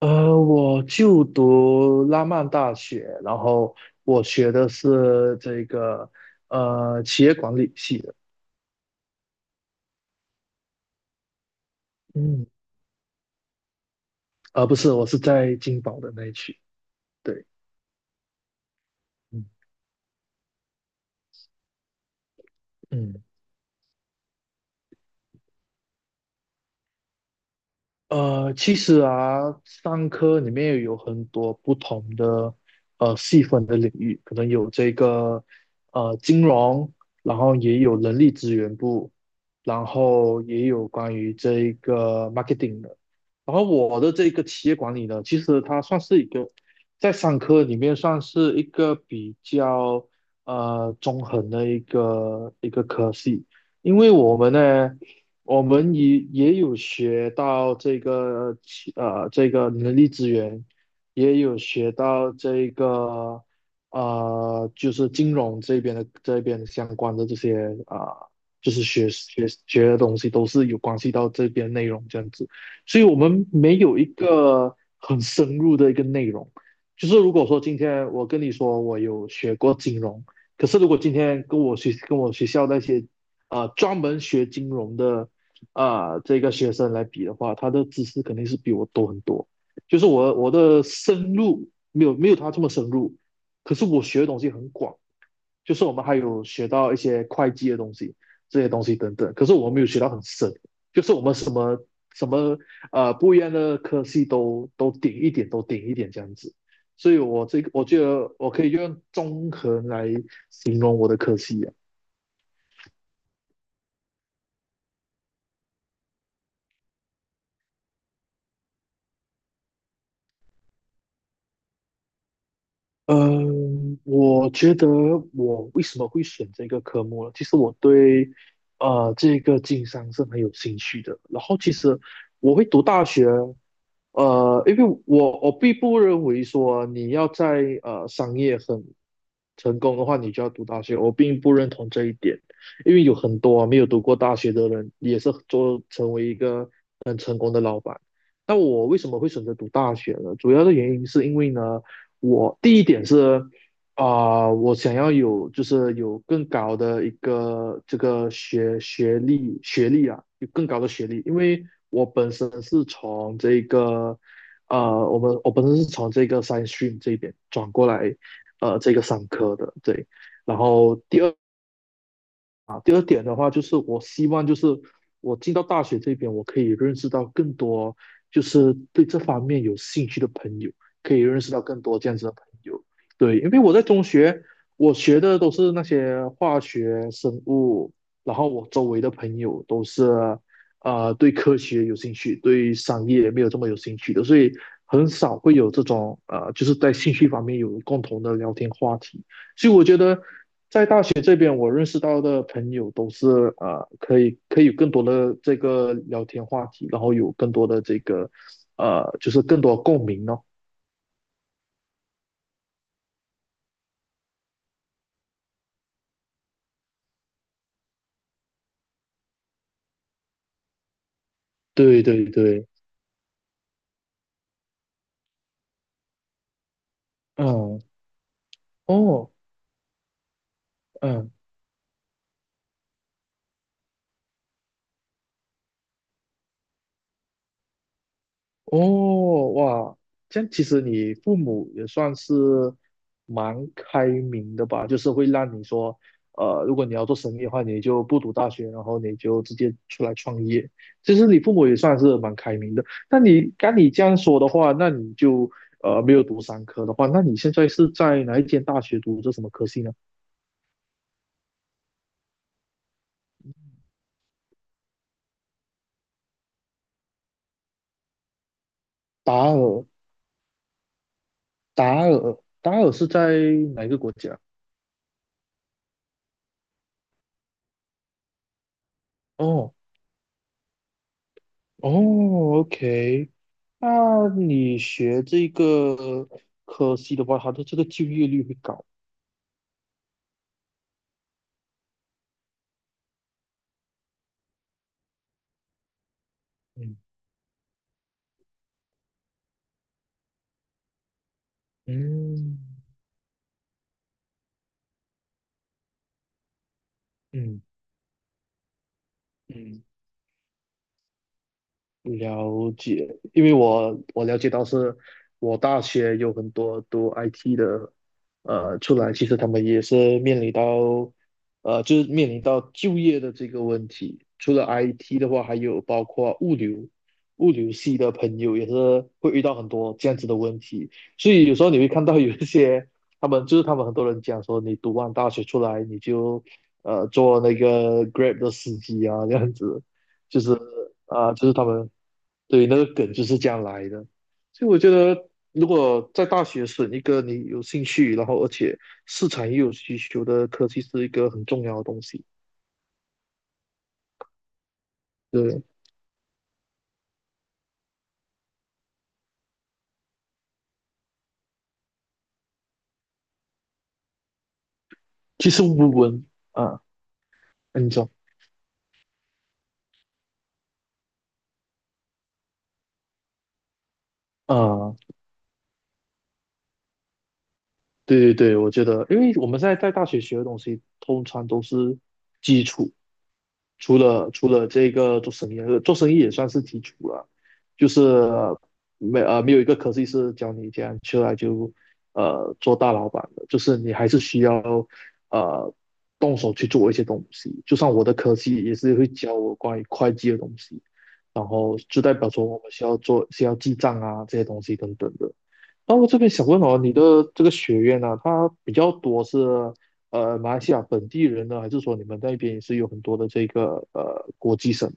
我就读拉曼大学，然后我学的是这个企业管理系的。嗯，不是，我是在金宝的那一区。对。嗯嗯其实啊，商科里面有很多不同的细分的领域，可能有这个金融，然后也有人力资源部，然后也有关于这个 marketing 的。然后我的这个企业管理呢，其实它算是一个在商科里面算是一个比较中横的一个科系，因为我们呢，我们也有学到这个这个人力资源，也有学到这个就是金融这边的这边相关的这些就是学的东西都是有关系到这边内容这样子。所以我们没有一个很深入的一个内容。就是如果说今天我跟你说我有学过金融，可是如果今天跟我学跟我学校那些专门学金融的这个学生来比的话，他的知识肯定是比我多很多。就是我的深入没有他这么深入，可是我学的东西很广。就是我们还有学到一些会计的东西，这些东西等等。可是我们没有学到很深，就是我们什么不一样的科系都顶一点，都顶一点这样子。所以我这个我觉得我可以用综合来形容我的科系啊。嗯，我觉得我为什么会选这个科目呢？其实我对这个经商是很有兴趣的。然后其实我会读大学，因为我并不认为说你要在商业很成功的话，你就要读大学。我并不认同这一点，因为有很多啊没有读过大学的人也是做成为一个很成功的老板。那我为什么会选择读大学呢？主要的原因是因为呢。我第一点是我想要有就是有更高的一个这个学历啊，有更高的学历，因为我本身是从这个我本身是从这个 science stream 这边转过来这个商科的。对。然后第二点的话就是我希望就是我进到大学这边，我可以认识到更多就是对这方面有兴趣的朋友，可以认识到更多这样子的朋友。对，因为我在中学我学的都是那些化学、生物，然后我周围的朋友都是对科学有兴趣，对商业没有这么有兴趣的，所以很少会有这种就是在兴趣方面有共同的聊天话题。所以我觉得这边我认识到的朋友都是可以有更多的这个聊天话题，然后有更多的这个就是更多共鸣哦。对对对。嗯。哦。嗯。哦，哇，这样其实你父母也算是蛮开明的吧，就是会让你说，如果你要做生意的话，你就不读大学，然后你就直接出来创业。其实你父母也算是蛮开明的。那你刚你这样说的话，那你就没有读商科的话，那你现在是在哪一间大学读这什么科系呢？达尔，达尔，达尔是在哪一个国家？哦。哦，OK。那你学这个科系的话，它的这个就业率会高。嗯嗯嗯。嗯，了解，因为我了解到是，我大学有很多读 IT 的，出来其实他们也是面临到，就是面临到就业的这个问题。除了 IT 的话，还有包括物流，物流系的朋友也是会遇到很多这样子的问题。所以有时候你会看到有一些他们很多人讲说，你读完大学出来你就做那个 Grab 的司机啊这样子。就是就是他们对，那个梗就是这样来的。所以我觉得，如果在大学选一个你有兴趣，然后而且市场也有需求的科技，是一个很重要的东西。对，其实我文啊，那你说啊，对对对，我觉得，因为我们现在在大学学的东西，通常都是基础，除了这个做生意，做生意也算是基础了，就是没有一个科技是教你这样出来就做大老板的，就是你还是需要呃动手去做一些东西。就像我的科技也是会教我关于会计的东西，然后就代表说我们需要记账啊这些东西等等的。那我这边想问哦，你的这个学院呢、啊它比较多是马来西亚本地人呢，还是说你们那边也是有很多的这个国际生？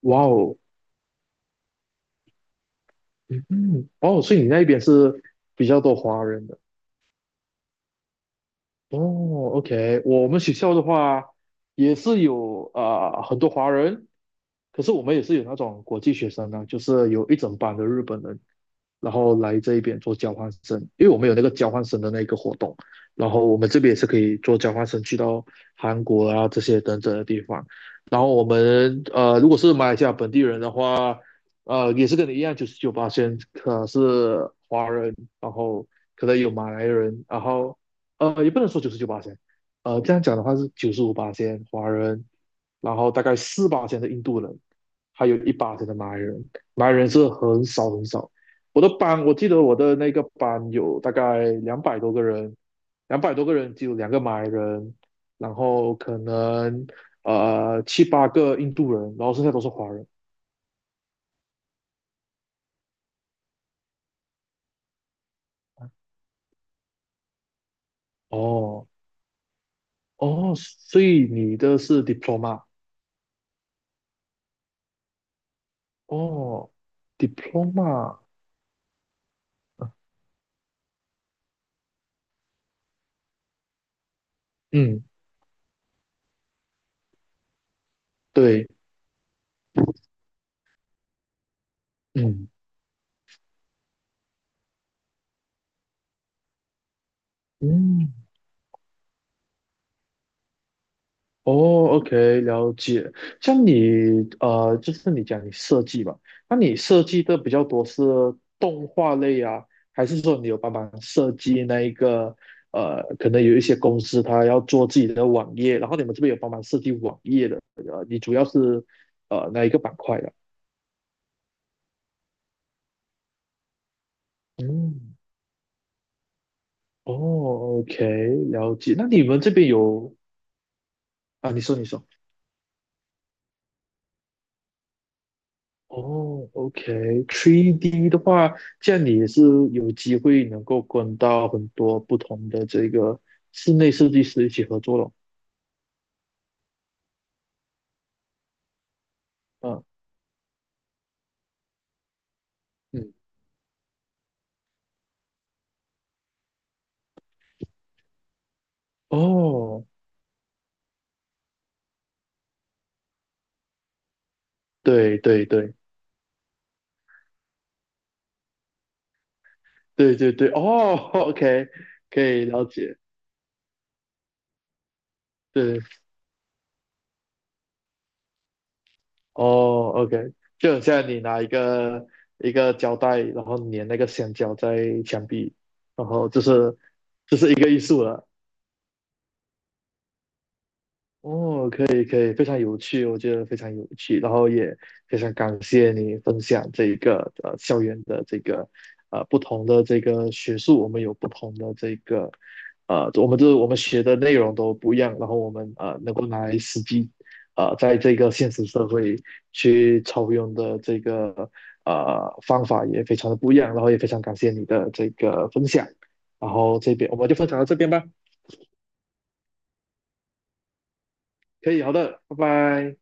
哇哦。嗯，哦，所以你那边是比较多华人的。哦，OK,我们学校的话也是有很多华人，可是我们也是有那种国际学生呢，就是有一整班的日本人，然后来这一边做交换生，因为我们有那个交换生的那个活动，然后我们这边也是可以做交换生去到韩国啊这些等等的地方，然后我们如果是马来西亚本地人的话，也是跟你一样，九十九八千可是华人，然后可能有马来人，然后。也不能说九十九八仙，这样讲的话是九十五八仙华人，然后大概四八仙的印度人，还有一八仙的马来人，马来人是很少很少。我的班，我记得我的那个班有大概两百多个人，两百多个人只有两个马来人，然后可能七八个印度人，然后剩下都是华人。哦哦，所以你的是 diploma 哦，diploma。嗯，对。嗯嗯，哦，OK,了解。像你就是你讲你设计吧，那你设计的比较多是动画类啊，还是说你有帮忙设计那一个可能有一些公司它要做自己的网页，然后你们这边有帮忙设计网页的，你主要是哪一个板块的？嗯，哦，OK,了解。那你们这边有啊？你说，你说。哦OK，3D 的话，这样你也是有机会能够跟到很多不同的这个室内设计师一起合作了。嗯嗯。哦。对对对对对对。哦，OK,可以了解。对。哦，OK,就很像你拿一个一个胶带，然后粘那个香蕉在墙壁，然后这是一个艺术了。哦，可以可以，非常有趣，我觉得非常有趣，然后也非常感谢你分享这一个校园的这个不同的这个学术，我们有不同的这个我们学的内容都不一样，然后我们能够拿来实际在这个现实社会去操用的这个方法也非常的不一样，然后也非常感谢你的这个分享，然后这边我们就分享到这边吧。可以，好的，拜拜。